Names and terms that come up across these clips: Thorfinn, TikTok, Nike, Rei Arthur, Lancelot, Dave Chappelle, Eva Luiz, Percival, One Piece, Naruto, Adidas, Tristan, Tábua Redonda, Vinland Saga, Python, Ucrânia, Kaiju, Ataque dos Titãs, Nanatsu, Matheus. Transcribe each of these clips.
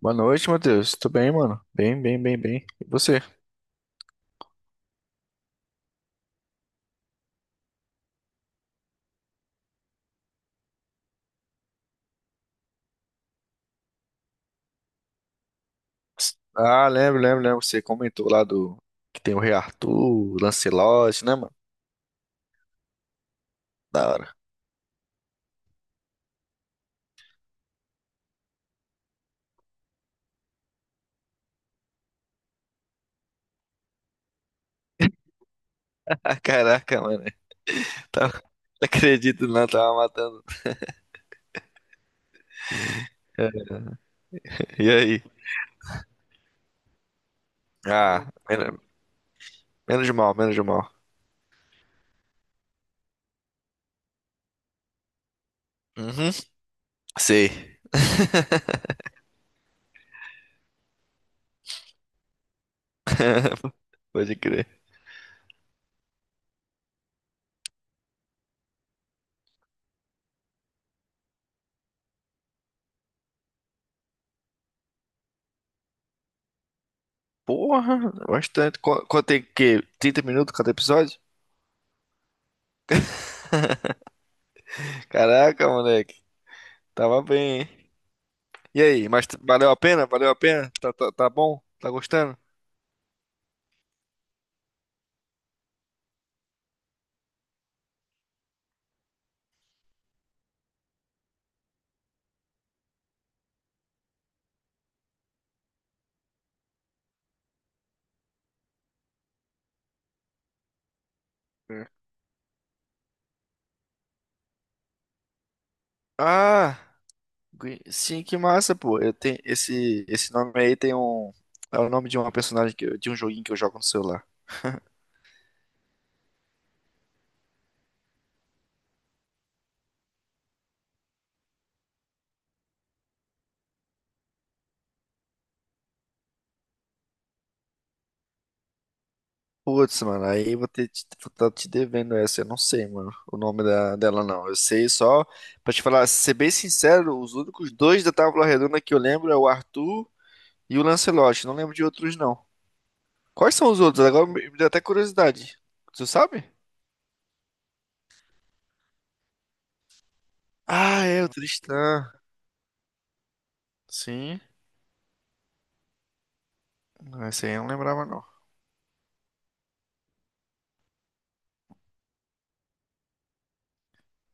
Boa noite, Matheus. Tudo bem, mano? Bem, bem, bem, bem. E você? Ah, lembro, lembro, lembro. Você comentou lá do que tem o Rei Arthur, o Lancelot, né, mano? Da hora. Ah, caraca, mano. Não acredito, não. Tava matando. É, e aí? Ah, menos mal, menos mal. Uhum. Sei. Pode crer. Porra, bastante. Quanto tem, que, 30 minutos cada episódio? Caraca, moleque. Tava bem, hein? E aí, mas valeu a pena? Valeu a pena? Tá bom? Tá gostando? É. Ah, sim, que massa, pô. Eu tenho esse nome, aí tem um, é o nome de uma personagem de um joguinho que eu jogo no celular. Putz, mano, aí eu vou tá te devendo essa. Eu não sei, mano, o nome dela não. Eu sei só pra te falar, ser bem sincero, os únicos dois da Tábua Redonda que eu lembro é o Arthur e o Lancelot. Não lembro de outros não. Quais são os outros? Agora me deu até curiosidade. Tu sabe? Ah, é o Tristan. Sim, não, esse aí eu não lembrava não.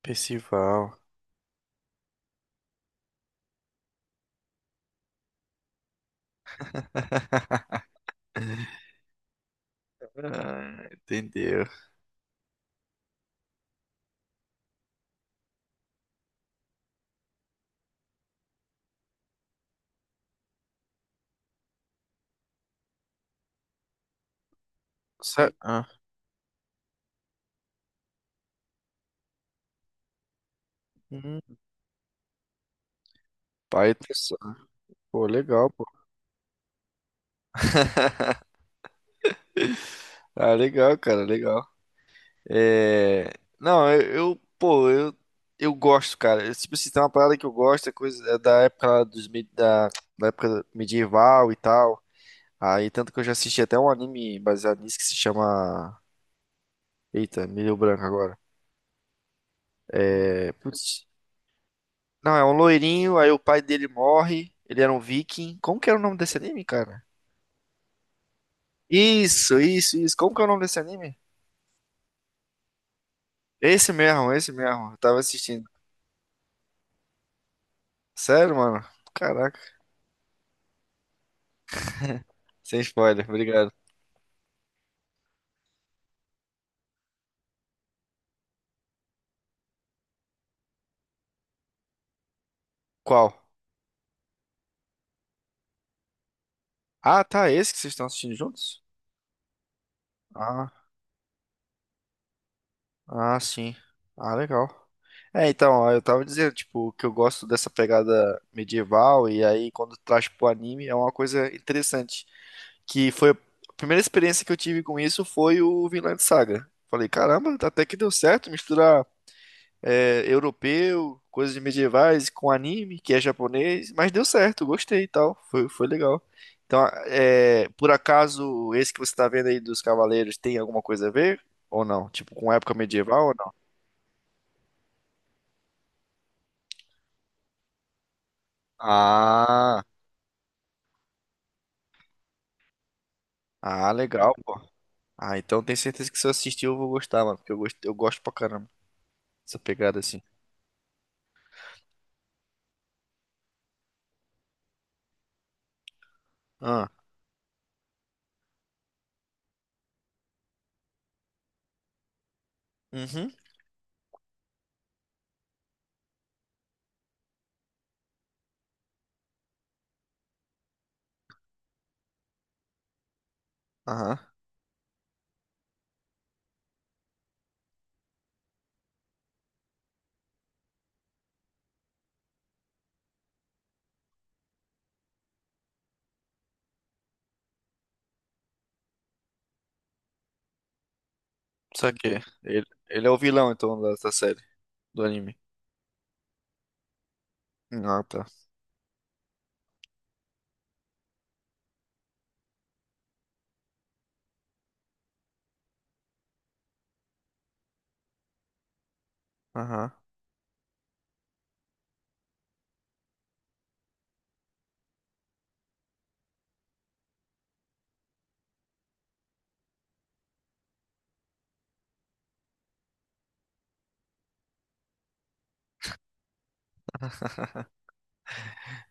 Percival. Ah, entendeu. Ah, hum, Python. Pô, legal, pô. Ah, legal, cara, legal. É... Não, pô, eu gosto, cara. Eu, tipo, se tem uma parada que eu gosto, é coisa, é da época lá dos, da época medieval e tal. Aí, tanto que eu já assisti até um anime baseado nisso que se chama... Eita, me deu branco agora. É, putz. Não, é um loirinho, aí o pai dele morre, ele era um viking. Como que era o nome desse anime, cara? Isso, isso, isso. Como que é o nome desse anime? Esse mesmo, esse mesmo. Eu tava assistindo. Sério, mano? Caraca. Sem spoiler, obrigado. Qual? Ah, tá, esse que vocês estão assistindo juntos? Ah, ah, sim. Ah, legal. É, então, ó, eu tava dizendo, tipo, que eu gosto dessa pegada medieval, e aí quando traz pro anime é uma coisa interessante. Que foi a primeira experiência que eu tive com isso foi o Vinland Saga. Falei, caramba, até que deu certo misturar, europeu, coisas medievais, com anime, que é japonês, mas deu certo, gostei e tal, foi legal. Então, por acaso, esse que você tá vendo aí dos Cavaleiros tem alguma coisa a ver? Ou não? Tipo, com época medieval ou não? Ah, ah, legal, pô. Ah, então tenho certeza que se eu assistir eu vou gostar, mano, porque eu gosto pra caramba dessa pegada assim. Ah, uhum, aham, só que ele é o vilão, então, da série, do anime. Ah, tá, aham.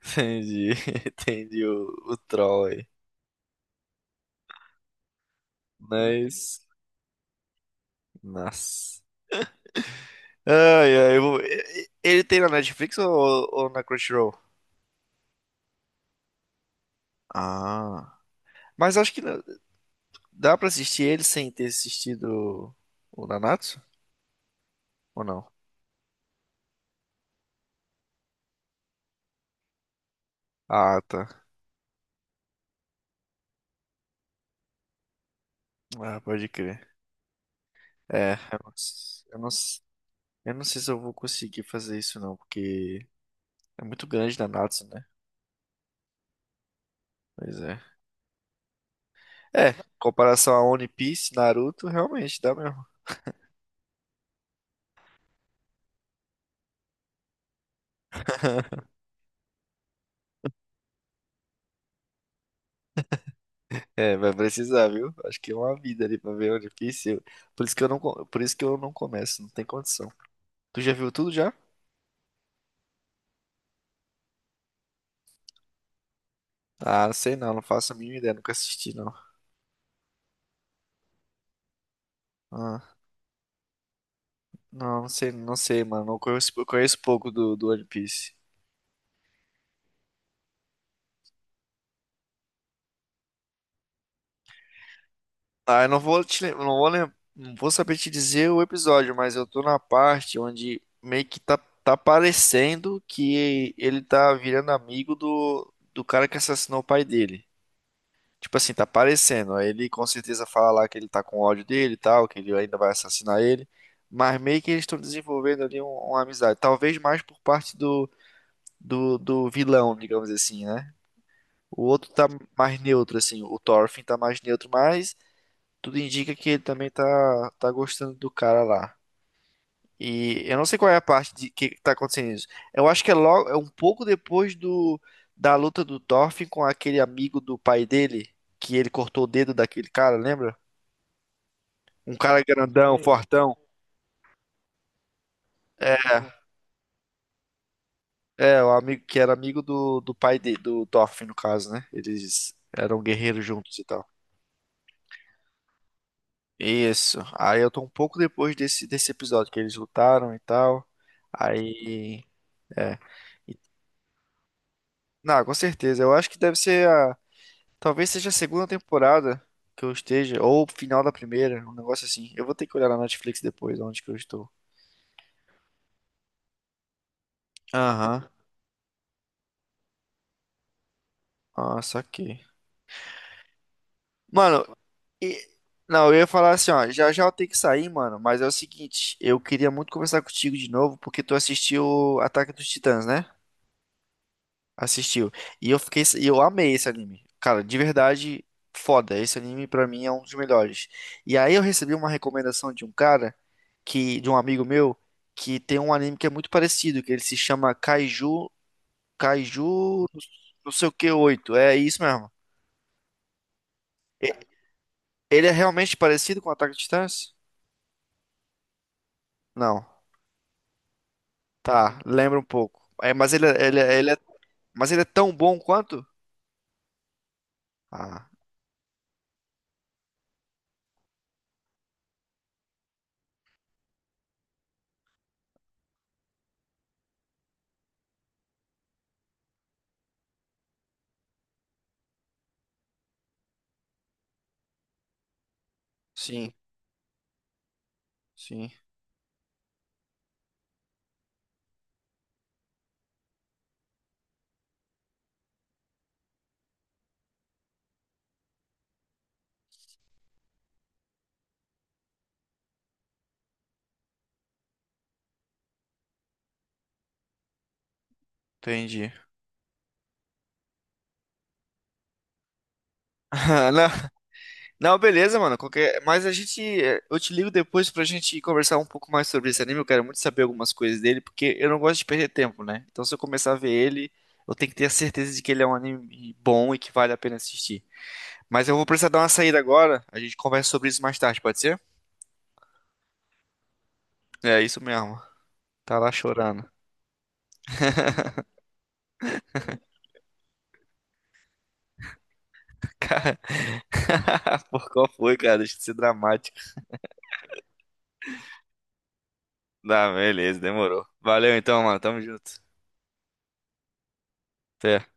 Entendi, entendi o troll aí. Mas, nossa. Ai, ai, eu vou- e- ele tem na Netflix, ou, na Crunchyroll? Ah, mas acho que dá pra assistir ele sem ter assistido o Nanatsu? Ou não? Ah, tá. Ah, pode crer. É, eu não sei se eu vou conseguir fazer isso não, porque é muito grande Nanatsu, né? Pois é. É, em comparação a One Piece, Naruto, realmente dá mesmo. É, vai precisar, viu? Acho que é uma vida ali pra ver, o difícil. Por isso que eu não começo, não tem condição. Tu já viu tudo já? Ah, não sei não, não faço a mínima ideia, nunca assisti não. Ah, não, não sei, não sei, mano, não conheço, eu conheço pouco do One Piece. Ah, eu não vou te, lem- não vou saber te dizer o episódio, mas eu tô na parte onde meio que tá, parecendo que ele tá virando amigo do cara que assassinou o pai dele. Tipo assim, tá aparecendo. Aí ele com certeza fala lá que ele tá com ódio dele e tal, que ele ainda vai assassinar ele. Mas meio que eles estão desenvolvendo ali uma amizade. Talvez mais por parte do vilão, digamos assim, né? O outro tá mais neutro, assim. O Thorfinn tá mais neutro, mas tudo indica que ele também tá gostando do cara lá. E eu não sei qual é a parte de que tá acontecendo isso. Eu acho que é logo, é um pouco depois da luta do Thorfinn com aquele amigo do pai dele, que ele cortou o dedo daquele cara, lembra? Um cara grandão, fortão. É, o amigo que era amigo do pai do Thorfinn, no caso, né? Eles eram guerreiros juntos e tal. Isso. Aí eu tô um pouco depois desse episódio que eles lutaram e tal. Aí. É. E- Não, com certeza. Eu acho que deve ser a. Talvez seja a segunda temporada que eu esteja, ou o final da primeira, um negócio assim. Eu vou ter que olhar na Netflix depois, onde que eu estou. Aham. Ah, saquei. Mano, E- não, eu ia falar assim, ó, já já eu tenho que sair, mano, mas é o seguinte, eu queria muito conversar contigo de novo, porque tu assistiu Ataque dos Titãs, né? Assistiu. E eu fiquei, e eu amei esse anime. Cara, de verdade, foda. Esse anime pra mim é um dos melhores. E aí eu recebi uma recomendação de um cara que de um amigo meu, que tem um anime que é muito parecido, que ele se chama Kaiju, Kaiju, não sei o que, 8. É isso mesmo. E- Ele é realmente parecido com Ataque dos Titãs? Não. Tá, lembra um pouco. É, mas ele é tão bom quanto? Ah, sim, sim, entendi. Não, não, beleza, mano. Qualquer, mas a gente, eh, eu te ligo depois pra gente conversar um pouco mais sobre esse anime. Eu quero muito saber algumas coisas dele, porque eu não gosto de perder tempo, né? Então, se eu começar a ver ele, eu tenho que ter a certeza de que ele é um anime bom e que vale a pena assistir. Mas eu vou precisar dar uma saída agora. A gente conversa sobre isso mais tarde, pode ser? É isso mesmo. Tá lá chorando. Cara, por qual foi, cara? Deixa de ser dramático. Tá, beleza, demorou. Valeu então, mano. Tamo junto. Até.